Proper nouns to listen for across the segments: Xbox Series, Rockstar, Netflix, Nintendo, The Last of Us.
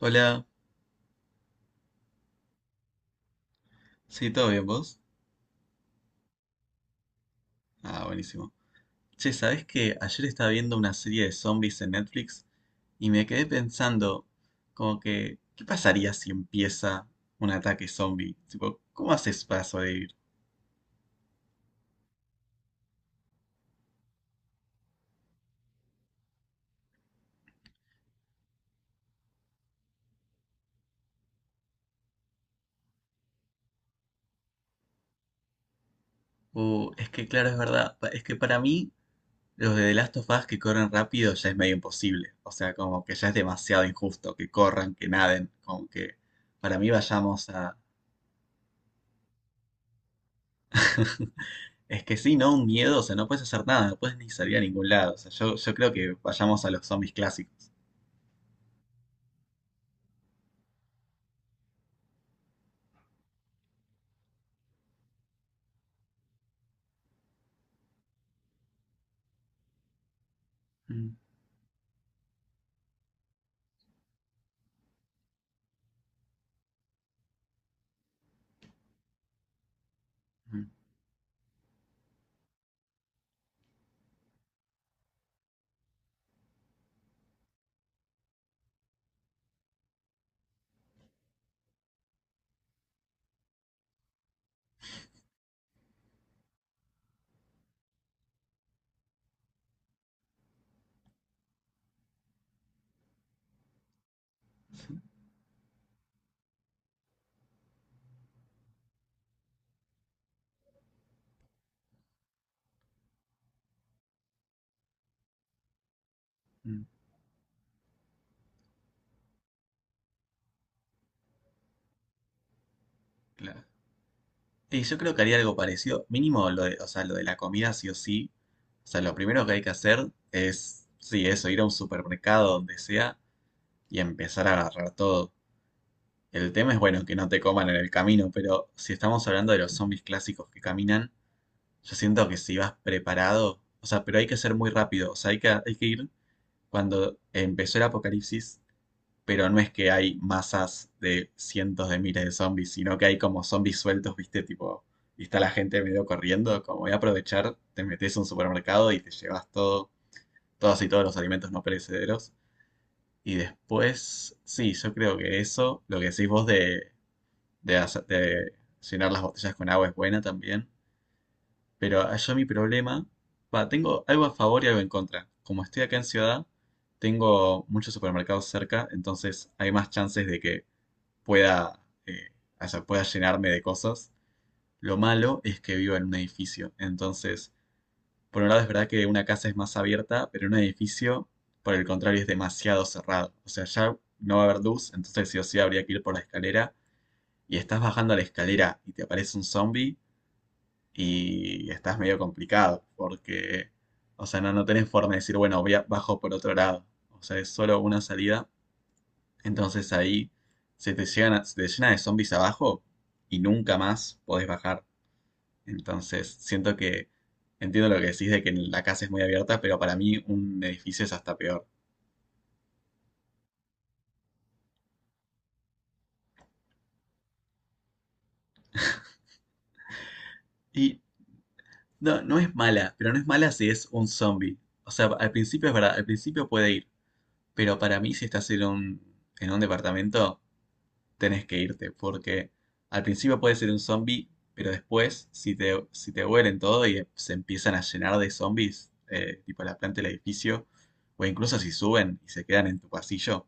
Hola, sí, ¿todo bien vos? Ah, buenísimo. Che, ¿sabés que ayer estaba viendo una serie de zombies en Netflix y me quedé pensando, como que qué pasaría si empieza un ataque zombie? Tipo, ¿cómo haces para sobrevivir? Es que claro, es verdad, es que para mí los de The Last of Us que corren rápido ya es medio imposible. O sea, como que ya es demasiado injusto que corran, que naden, como que para mí vayamos. Es que sí, ¿no? Un miedo, o sea, no puedes hacer nada, no puedes ni salir a ningún lado. O sea, yo creo que vayamos a los zombies clásicos. Mm, mm, mm, claro. Y yo creo que haría algo parecido, mínimo lo de, o sea, lo de la comida sí o sí. O sea, lo primero que hay que hacer es, sí, eso, ir a un supermercado donde sea y empezar a agarrar todo. El tema es, bueno, que no te coman en el camino, pero si estamos hablando de los zombies clásicos que caminan, yo siento que si vas preparado, o sea, pero hay que ser muy rápido, o sea, hay que ir cuando empezó el apocalipsis, pero no es que hay masas de cientos de miles de zombies, sino que hay como zombies sueltos, ¿viste? Tipo, y está la gente medio corriendo, como voy a aprovechar, te metes a un supermercado y te llevas todo, todos y todos los alimentos no perecederos. Y después, sí, yo creo que eso, lo que decís vos de llenar las botellas con agua es buena también. Pero allá mi problema, va, tengo algo a favor y algo en contra. Como estoy acá en ciudad, tengo muchos supermercados cerca, entonces hay más chances de que pueda, o sea, pueda llenarme de cosas. Lo malo es que vivo en un edificio, entonces, por un lado es verdad que una casa es más abierta, pero un edificio, por el contrario, es demasiado cerrado. O sea, ya no va a haber luz, entonces sí o sí habría que ir por la escalera y estás bajando la escalera y te aparece un zombie y estás medio complicado porque, o sea, no, no tenés forma de decir, bueno, bajo por otro lado. O sea, es solo una salida. Entonces ahí se te llena de zombies abajo y nunca más podés bajar. Entonces siento que entiendo lo que decís de que la casa es muy abierta, pero para mí un edificio es hasta peor. Y no, no es mala, pero no es mala si es un zombie. O sea, al principio es verdad, al principio puede ir, pero para mí si estás en un departamento tenés que irte, porque al principio puedes ser un zombie, pero después, si te huelen todo y se empiezan a llenar de zombies, tipo la planta del edificio, o incluso si suben y se quedan en tu pasillo,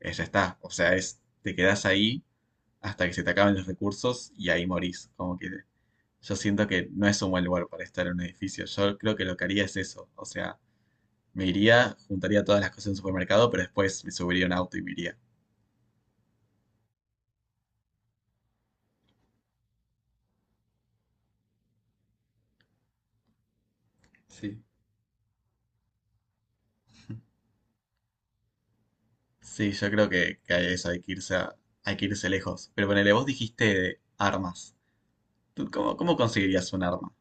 ya está. O sea, es, te quedás ahí hasta que se te acaben los recursos y ahí morís. Como que yo siento que no es un buen lugar para estar en un edificio. Yo creo que lo que haría es eso. O sea, me iría, juntaría todas las cosas en un supermercado, pero después me subiría a un auto y me iría. Sí, sí, yo creo que a eso hay que irse lejos. Pero ponele, vos dijiste de armas. ¿Tú cómo conseguirías un arma?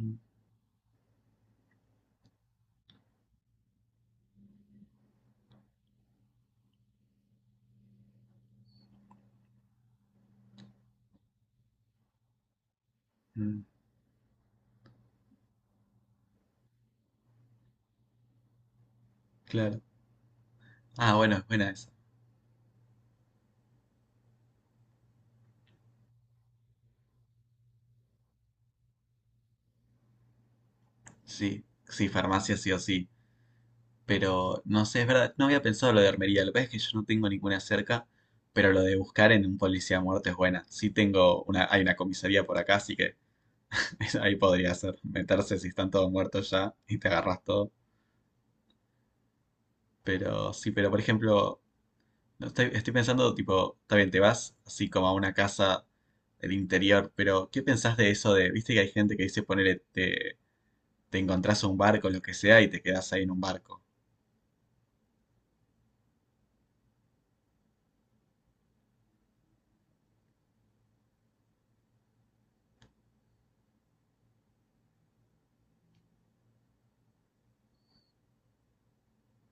Mm, mm, claro. Ah, bueno, es buena esa. Sí, sí, farmacia sí o sí. Pero no sé, es verdad, no había pensado lo de armería. Lo que pasa es que yo no tengo ninguna cerca, pero lo de buscar en un policía muerto es buena. Sí tengo una, hay una comisaría por acá, así que ahí podría ser. Meterse si están todos muertos ya y te agarras todo. Pero sí, pero por ejemplo, no, estoy pensando, tipo, está bien, te vas así como a una casa del interior, pero ¿qué pensás de eso de, viste que hay gente que dice, ponele, te encontrás un barco, lo que sea, y te quedás ahí en un barco?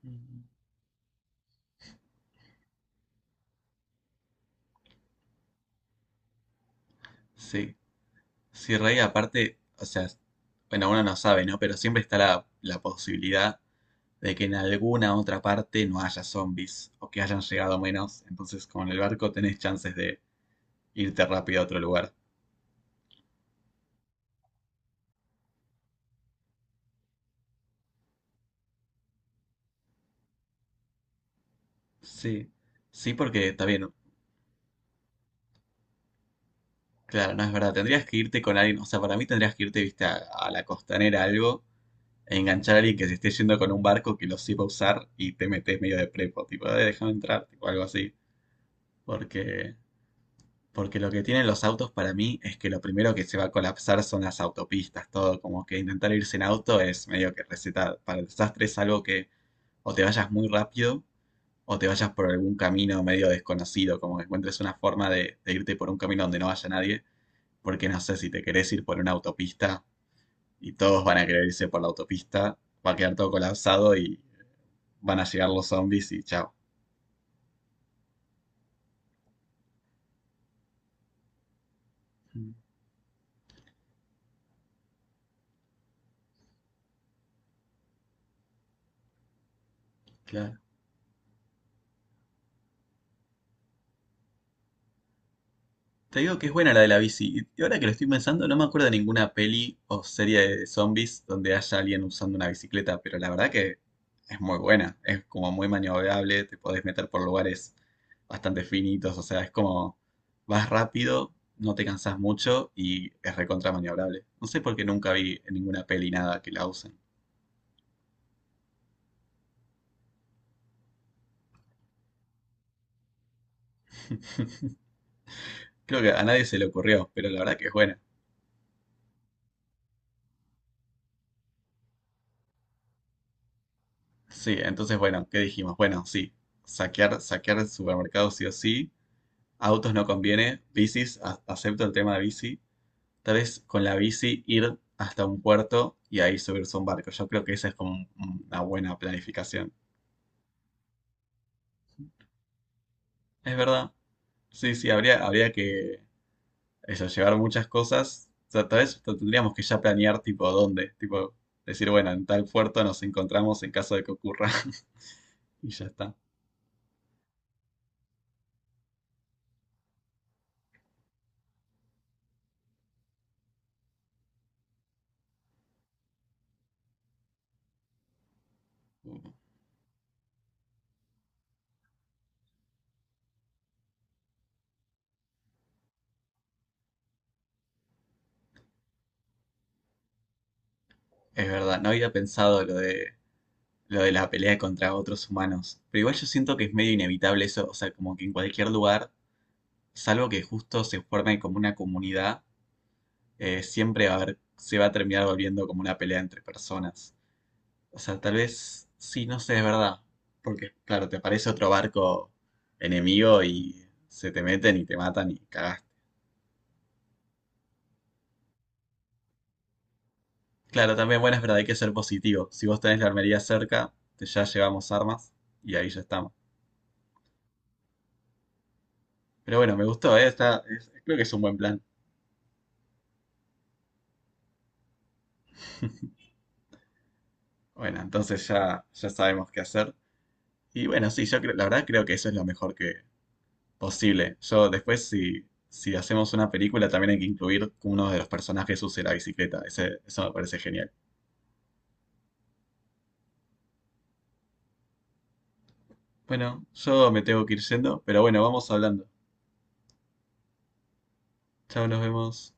Mm. Sí, sí, Rey, aparte, o sea, bueno, uno no sabe, ¿no? Pero siempre está la posibilidad de que en alguna otra parte no haya zombies o que hayan llegado menos. Entonces, como en el barco, tenés chances de irte rápido a otro lugar. Sí, sí, porque también claro, no es verdad. Tendrías que irte con alguien, o sea, para mí tendrías que irte, viste, a la costanera algo, e enganchar a alguien que se esté yendo con un barco que lo sepa usar y te metes medio de prepo, tipo, déjame entrar", tipo, algo así. Porque, porque lo que tienen los autos para mí es que lo primero que se va a colapsar son las autopistas, todo, como que intentar irse en auto es medio que receta para el desastre, es algo que o te vayas muy rápido o te vayas por algún camino medio desconocido, como que encuentres una forma de irte por un camino donde no vaya nadie porque no sé, si te querés ir por una autopista y todos van a querer irse por la autopista, va a quedar todo colapsado y van a llegar los zombies y chao. Te digo que es buena la de la bici. Y ahora que lo estoy pensando, no me acuerdo de ninguna peli o serie de zombies donde haya alguien usando una bicicleta, pero la verdad que es muy buena. Es como muy maniobrable, te podés meter por lugares bastante finitos, o sea, es como vas rápido, no te cansás mucho y es recontra maniobrable. No sé por qué nunca vi en ninguna peli nada que la usen. Creo que a nadie se le ocurrió, pero la verdad que es buena. Sí, entonces bueno, ¿qué dijimos? Bueno, sí, saquear, saquear supermercados sí o sí. Autos no conviene, bicis, acepto el tema de bici. Tal vez con la bici ir hasta un puerto y ahí subirse a un barco. Yo creo que esa es como una buena planificación. Es verdad. Sí, sí, habría que eso, llevar muchas cosas. O sea, tal vez tendríamos que ya planear tipo dónde. Tipo, decir, bueno, en tal puerto nos encontramos en caso de que ocurra. Y ya está. Es verdad, no había pensado lo de la pelea contra otros humanos. Pero igual yo siento que es medio inevitable eso. O sea, como que en cualquier lugar, salvo que justo se forme como una comunidad, siempre va a se va a terminar volviendo como una pelea entre personas. O sea, tal vez sí, no sé, es verdad. Porque, claro, te aparece otro barco enemigo y se te meten y te matan y cagaste. Claro, también, bueno, es verdad, hay que ser positivo. Si vos tenés la armería cerca, ya llevamos armas y ahí ya estamos. Pero bueno, me gustó, ¿eh? Creo que es un buen plan. Bueno, entonces ya, ya sabemos qué hacer. Y bueno, sí, yo creo, la verdad creo que eso es lo mejor que posible. Yo después, si hacemos una película, también hay que incluir que uno de los personajes use la bicicleta. Eso me parece genial. Bueno, yo me tengo que ir yendo, pero bueno, vamos hablando. Chao, nos vemos.